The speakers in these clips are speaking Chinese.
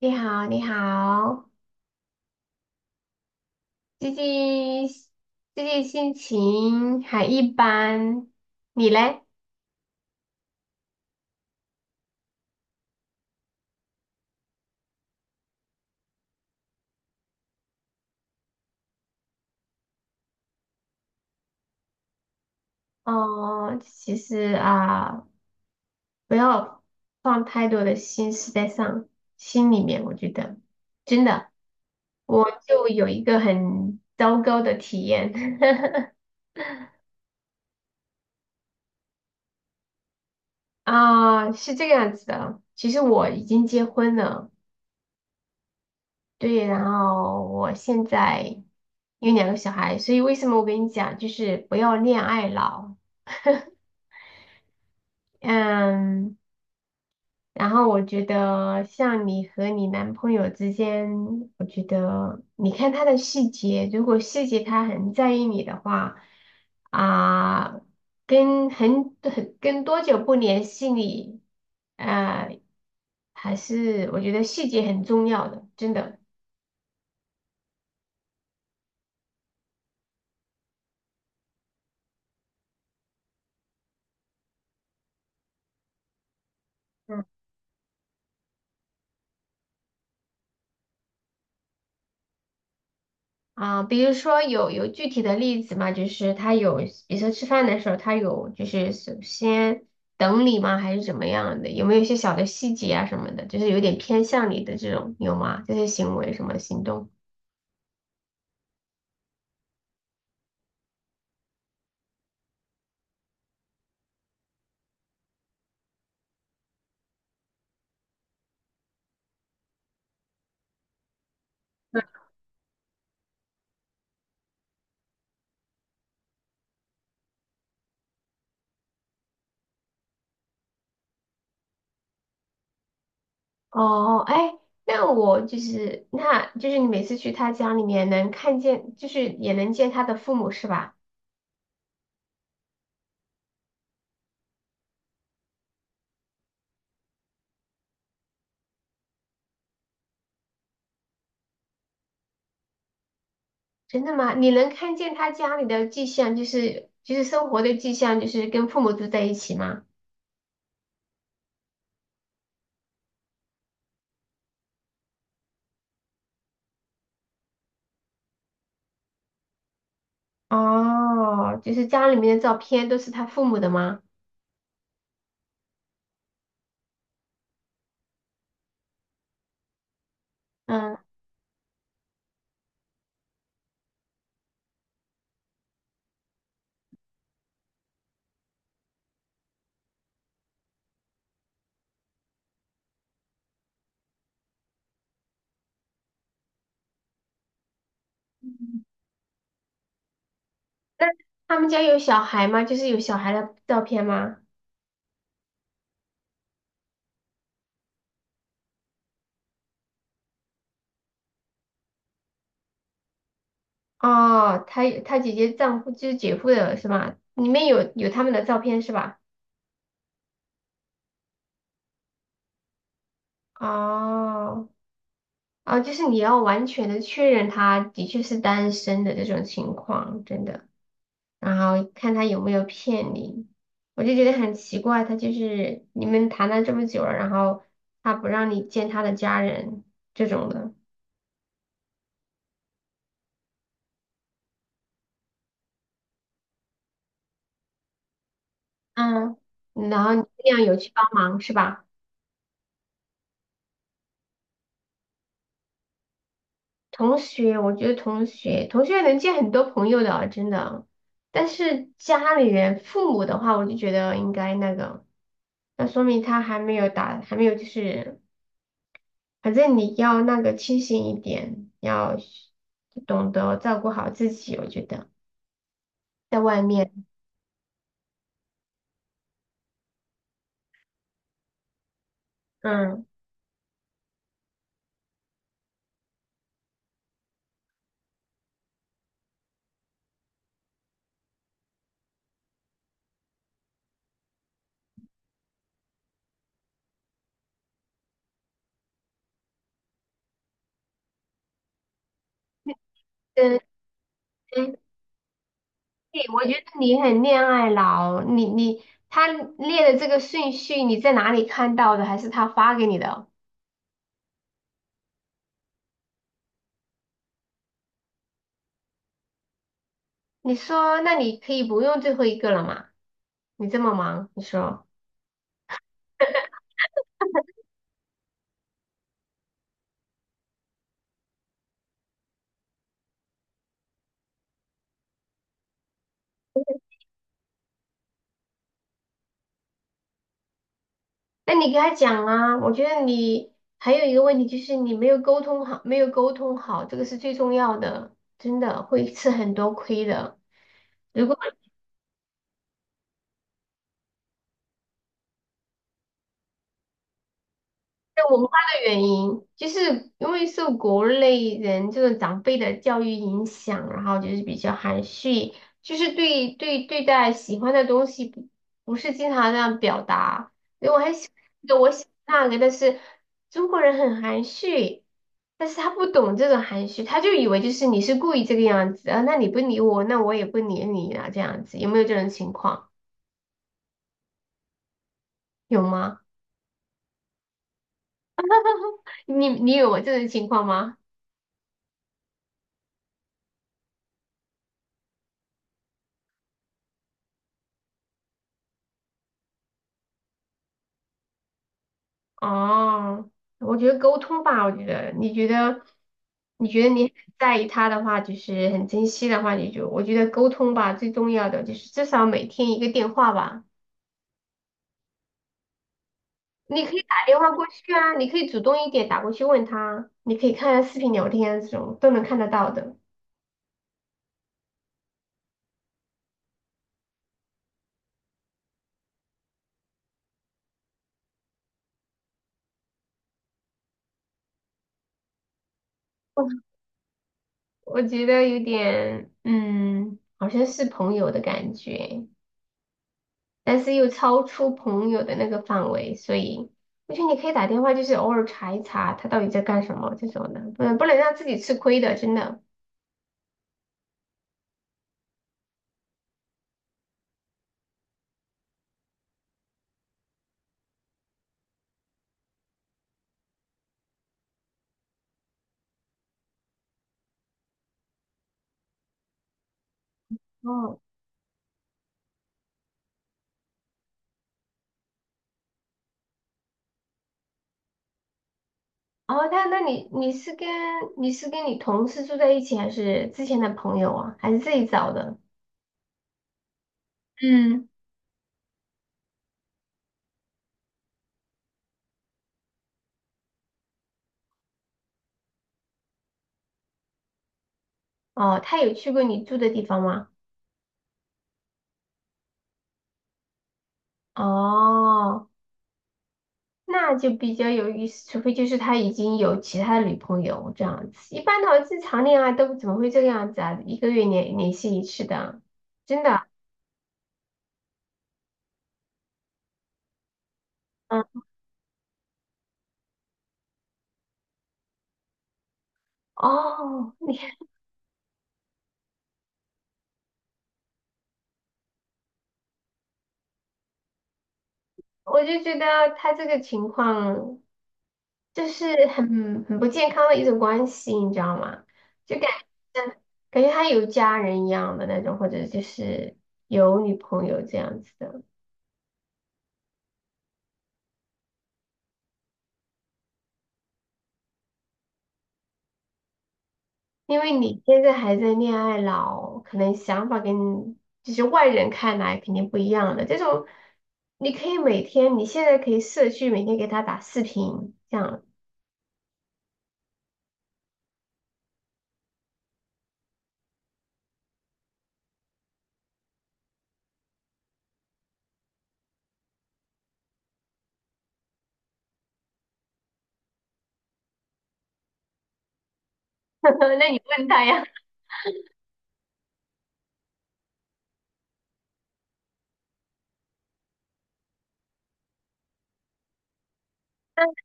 你好，你好，最近最近心情还一般，你嘞？哦，其实啊，不要放太多的心思在心里面，我觉得真的，我就有一个很糟糕的体验 啊，是这个样子的，其实我已经结婚了。对，然后我现在有两个小孩，所以为什么我跟你讲，就是不要恋爱脑。嗯，然后我觉得像你和你男朋友之间，我觉得你看他的细节，如果细节他很在意你的话，啊、跟很很跟多久不联系你，呃，还是我觉得细节很重要的，真的。嗯。啊，比如说有具体的例子吗？就是他有，比如说吃饭的时候，他有就是首先等你吗？还是怎么样的？有没有一些小的细节啊什么的？就是有点偏向你的这种，有吗？这些行为什么行动？哦，哎，那我就是，那就是你每次去他家里面能看见，就是也能见他的父母是吧？真的吗？你能看见他家里的迹象，就是生活的迹象，就是跟父母住在一起吗？哦，就是家里面的照片都是他父母的吗？嗯，那他们家有小孩吗？就是有小孩的照片吗？哦，他姐姐丈夫就是姐夫的是吗？里面有他们的照片是吧？哦，哦，就是你要完全的确认他的确是单身的这种情况，真的，然后看他有没有骗你。我就觉得很奇怪，他就是你们谈了这么久了，然后他不让你见他的家人这种的。嗯，然后你这样有去帮忙是吧？同学，我觉得同学，同学能见很多朋友的啊，真的。但是家里人、父母的话，我就觉得应该那个，那说明他还没有打，还没有就是，反正你要那个清醒一点，要懂得照顾好自己。我觉得在外面，嗯，嗯，嗯对我觉得你很恋爱脑，你他列的这个顺序，你在哪里看到的？还是他发给你的？你说，那你可以不用最后一个了嘛？你这么忙，你说，那你给他讲啊。我觉得你还有一个问题就是你没有沟通好，没有沟通好，这个是最重要的，真的会吃很多亏的。如果文化的原因，就是因为受国内人这种长辈的教育影响，然后就是比较含蓄，就是对待喜欢的东西不是经常这样表达。因为我很喜欢这个我喜欢那个，但是中国人很含蓄，但是他不懂这种含蓄，他就以为就是你是故意这个样子啊，那你不理我，那我也不理你啊，这样子有没有这种情况？有吗？你有这种情况吗？哦，我觉得沟通吧，我觉得你觉得你很在意他的话，就是很珍惜的话，你就我觉得沟通吧，最重要的就是至少每天一个电话吧。你可以打电话过去啊，你可以主动一点打过去问他，你可以看视频聊天这种都能看得到的。我我觉得有点好像是朋友的感觉。但是又超出朋友的那个范围，所以我觉得你可以打电话，就是偶尔查一查他到底在干什么这种的，不能让自己吃亏的，真的。哦，哦，那那你是跟你是跟你同事住在一起，还是之前的朋友啊，还是自己找的？嗯，哦，他有去过你住的地方吗？哦，那就比较有意思，除非就是他已经有其他的女朋友这样子。一般的话，正常恋爱都怎么会这个样子啊？一个月联系一次的，真的。嗯，哦，你，我就觉得他这个情况就是很不健康的一种关系，你知道吗？就感觉感觉他有家人一样的那种，或者就是有女朋友这样子的。因为你现在还在恋爱脑，可能想法跟就是外人看来肯定不一样的。这种你可以每天，你现在可以社区每天给他打视频，这样。那你问他呀？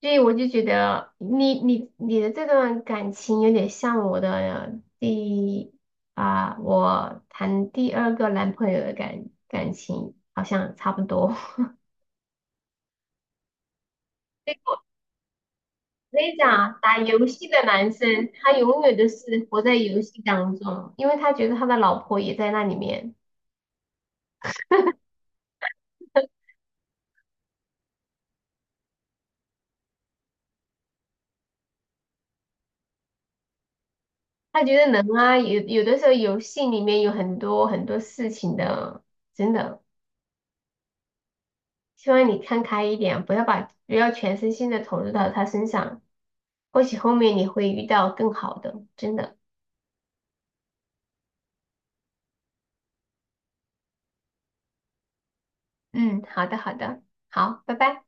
所以我就觉得你的这段感情有点像我的我谈第二个男朋友的感情好像差不多。所以我跟你讲啊打游戏的男生他永远都是活在游戏当中，因为他觉得他的老婆也在那里面，他觉得能啊，有的时候游戏里面有很多事情的，真的。希望你看开一点，不要全身心的投入到他身上，或许后面你会遇到更好的，真的。嗯，好的，好的，好，拜拜。